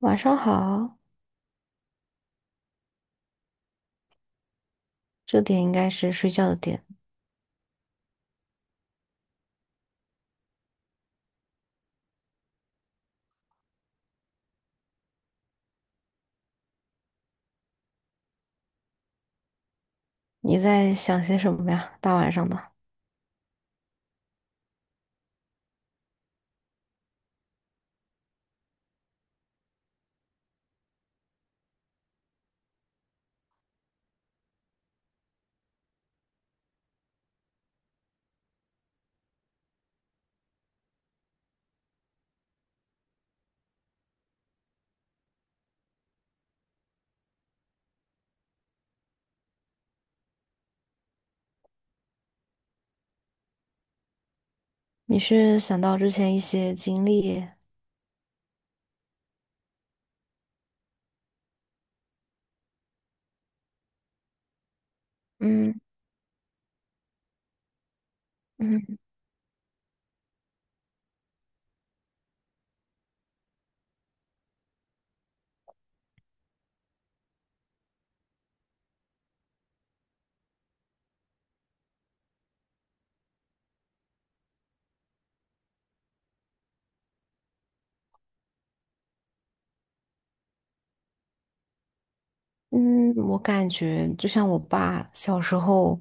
晚上好，这点应该是睡觉的点。你在想些什么呀？大晚上的，你是想到之前一些经历？嗯嗯嗯，我感觉就像我爸小时候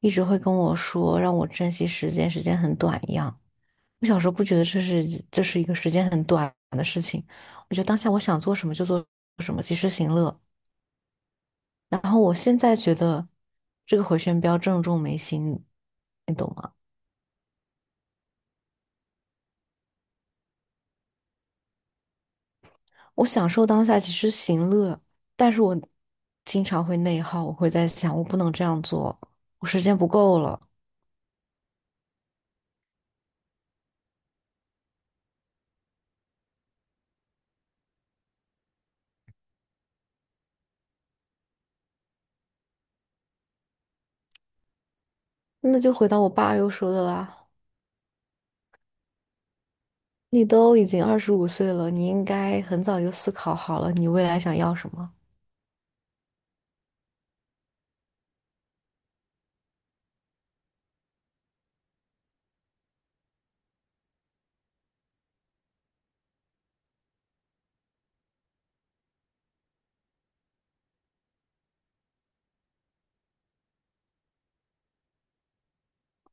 一直会跟我说，让我珍惜时间，时间很短一样。我小时候不觉得这是一个时间很短的事情，我觉得当下我想做什么就做什么，及时行乐。然后我现在觉得这个回旋镖正中眉心，你懂吗？我享受当下其实行乐，但是我经常会内耗，我会在想，我不能这样做，我时间不够了。那就回到我爸又说的啦，你都已经25岁了，你应该很早就思考好了，你未来想要什么。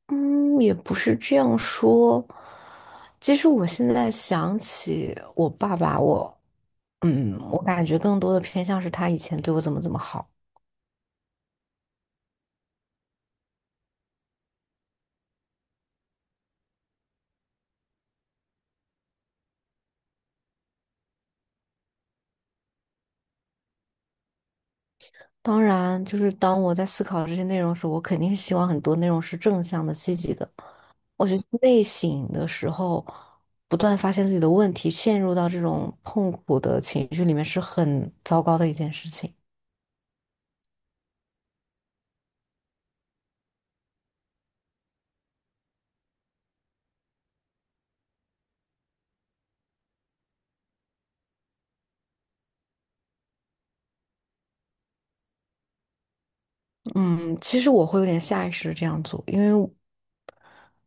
嗯，也不是这样说。其实我现在想起我爸爸，我感觉更多的偏向是他以前对我怎么怎么好。当然，就是当我在思考这些内容时，我肯定是希望很多内容是正向的、积极的。我觉得内省的时候，不断发现自己的问题，陷入到这种痛苦的情绪里面，是很糟糕的一件事情。嗯，其实我会有点下意识地这样做，因为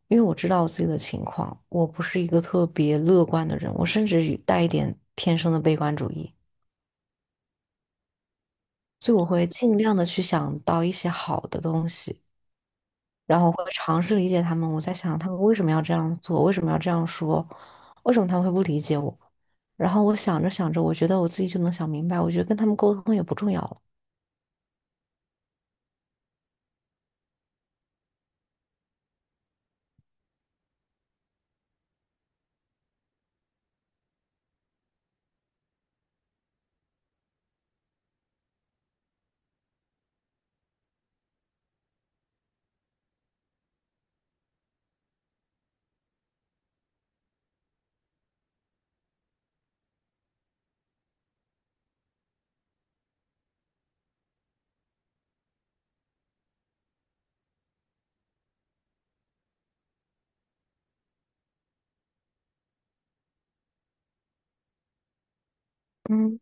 因为我知道我自己的情况，我不是一个特别乐观的人，我甚至带一点天生的悲观主义，所以我会尽量的去想到一些好的东西。然后会尝试理解他们。我在想，他们为什么要这样做？为什么要这样说？为什么他们会不理解我？然后我想着想着，我觉得我自己就能想明白，我觉得跟他们沟通也不重要了。嗯，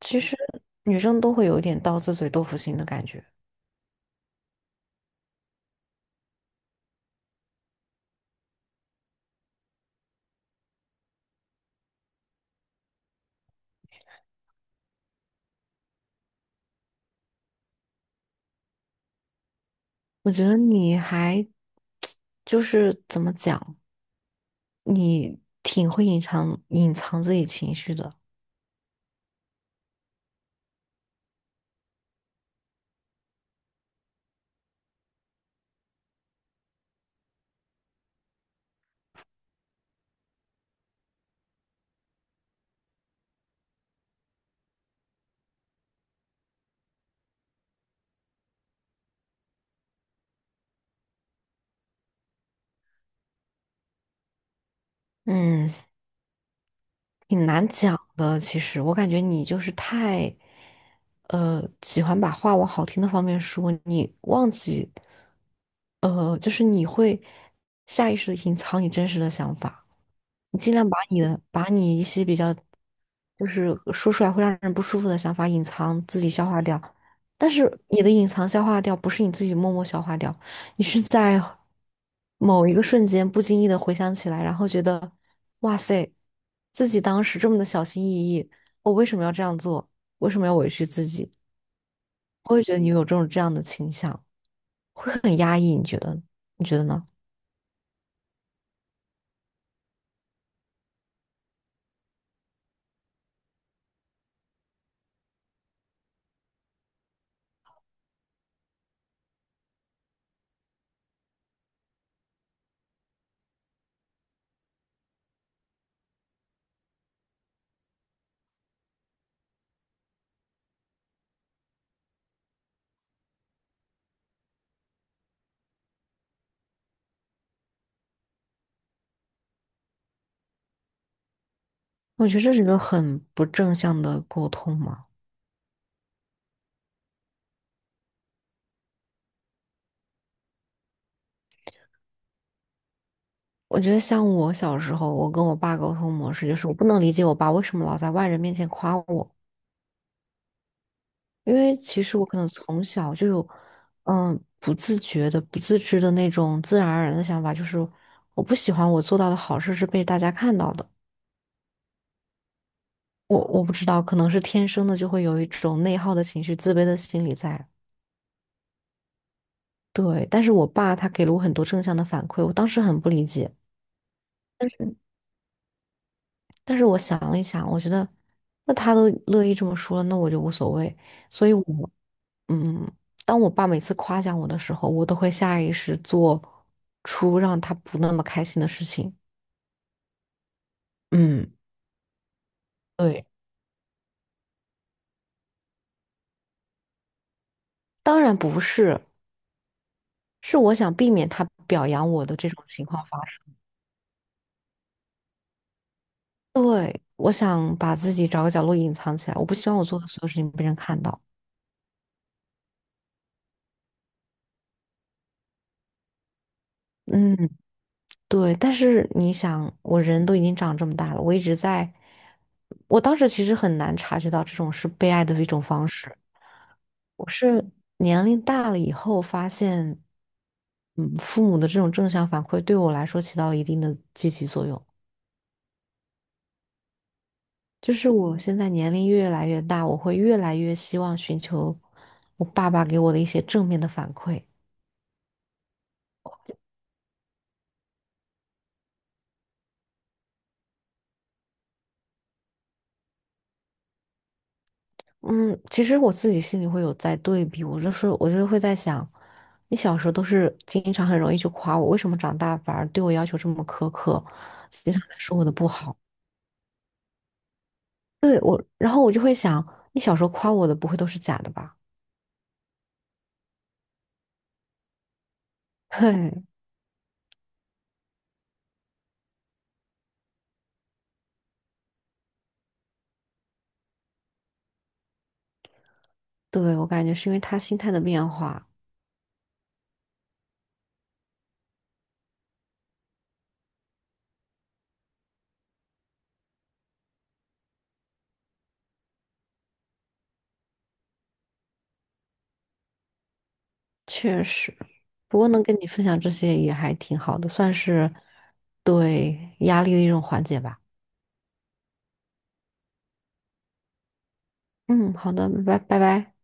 其实女生都会有一点刀子嘴豆腐心的感觉。我觉得你还 就是怎么讲，你挺会隐藏自己情绪的。嗯。挺难讲的，其实我感觉你就是太，喜欢把话往好听的方面说，你忘记，就是你会下意识的隐藏你真实的想法，你尽量把你一些比较，就是说出来会让人不舒服的想法隐藏自己消化掉，但是你的隐藏消化掉不是你自己默默消化掉，你是在某一个瞬间不经意的回想起来，然后觉得，哇塞，自己当时这么的小心翼翼，我为什么要这样做？为什么要委屈自己？我会觉得你有这种这样的倾向，会很压抑，你觉得？你觉得呢？我觉得这是一个很不正向的沟通嘛。我觉得像我小时候，我跟我爸沟通模式就是，我不能理解我爸为什么老在外人面前夸我。因为其实我可能从小就有，嗯，不自觉的、不自知的那种自然而然的想法，就是我不喜欢我做到的好事是被大家看到的。我不知道，可能是天生的就会有一种内耗的情绪、自卑的心理在。对，但是我爸他给了我很多正向的反馈，我当时很不理解。但是我想了一想，我觉得那他都乐意这么说了，那我就无所谓。所以我，嗯，当我爸每次夸奖我的时候，我都会下意识做出让他不那么开心的事情。嗯，当然不是，是我想避免他表扬我的这种情况发生。对，我想把自己找个角落隐藏起来，我不希望我做的所有事情被人看到。嗯，对，但是你想，我人都已经长这么大了，我一直在，我当时其实很难察觉到这种是被爱的一种方式。我是年龄大了以后发现，父母的这种正向反馈对我来说起到了一定的积极作用。就是我现在年龄越来越大，我会越来越希望寻求我爸爸给我的一些正面的反馈。嗯，其实我自己心里会有在对比，我就是会在想，你小时候都是经常很容易就夸我，为什么长大反而对我要求这么苛刻，经常在说我的不好？对我，然后我就会想，你小时候夸我的不会都是假的吧？嘿，对，我感觉是因为他心态的变化，确实。不过能跟你分享这些也还挺好的，算是对压力的一种缓解吧。嗯，好的，拜拜拜拜。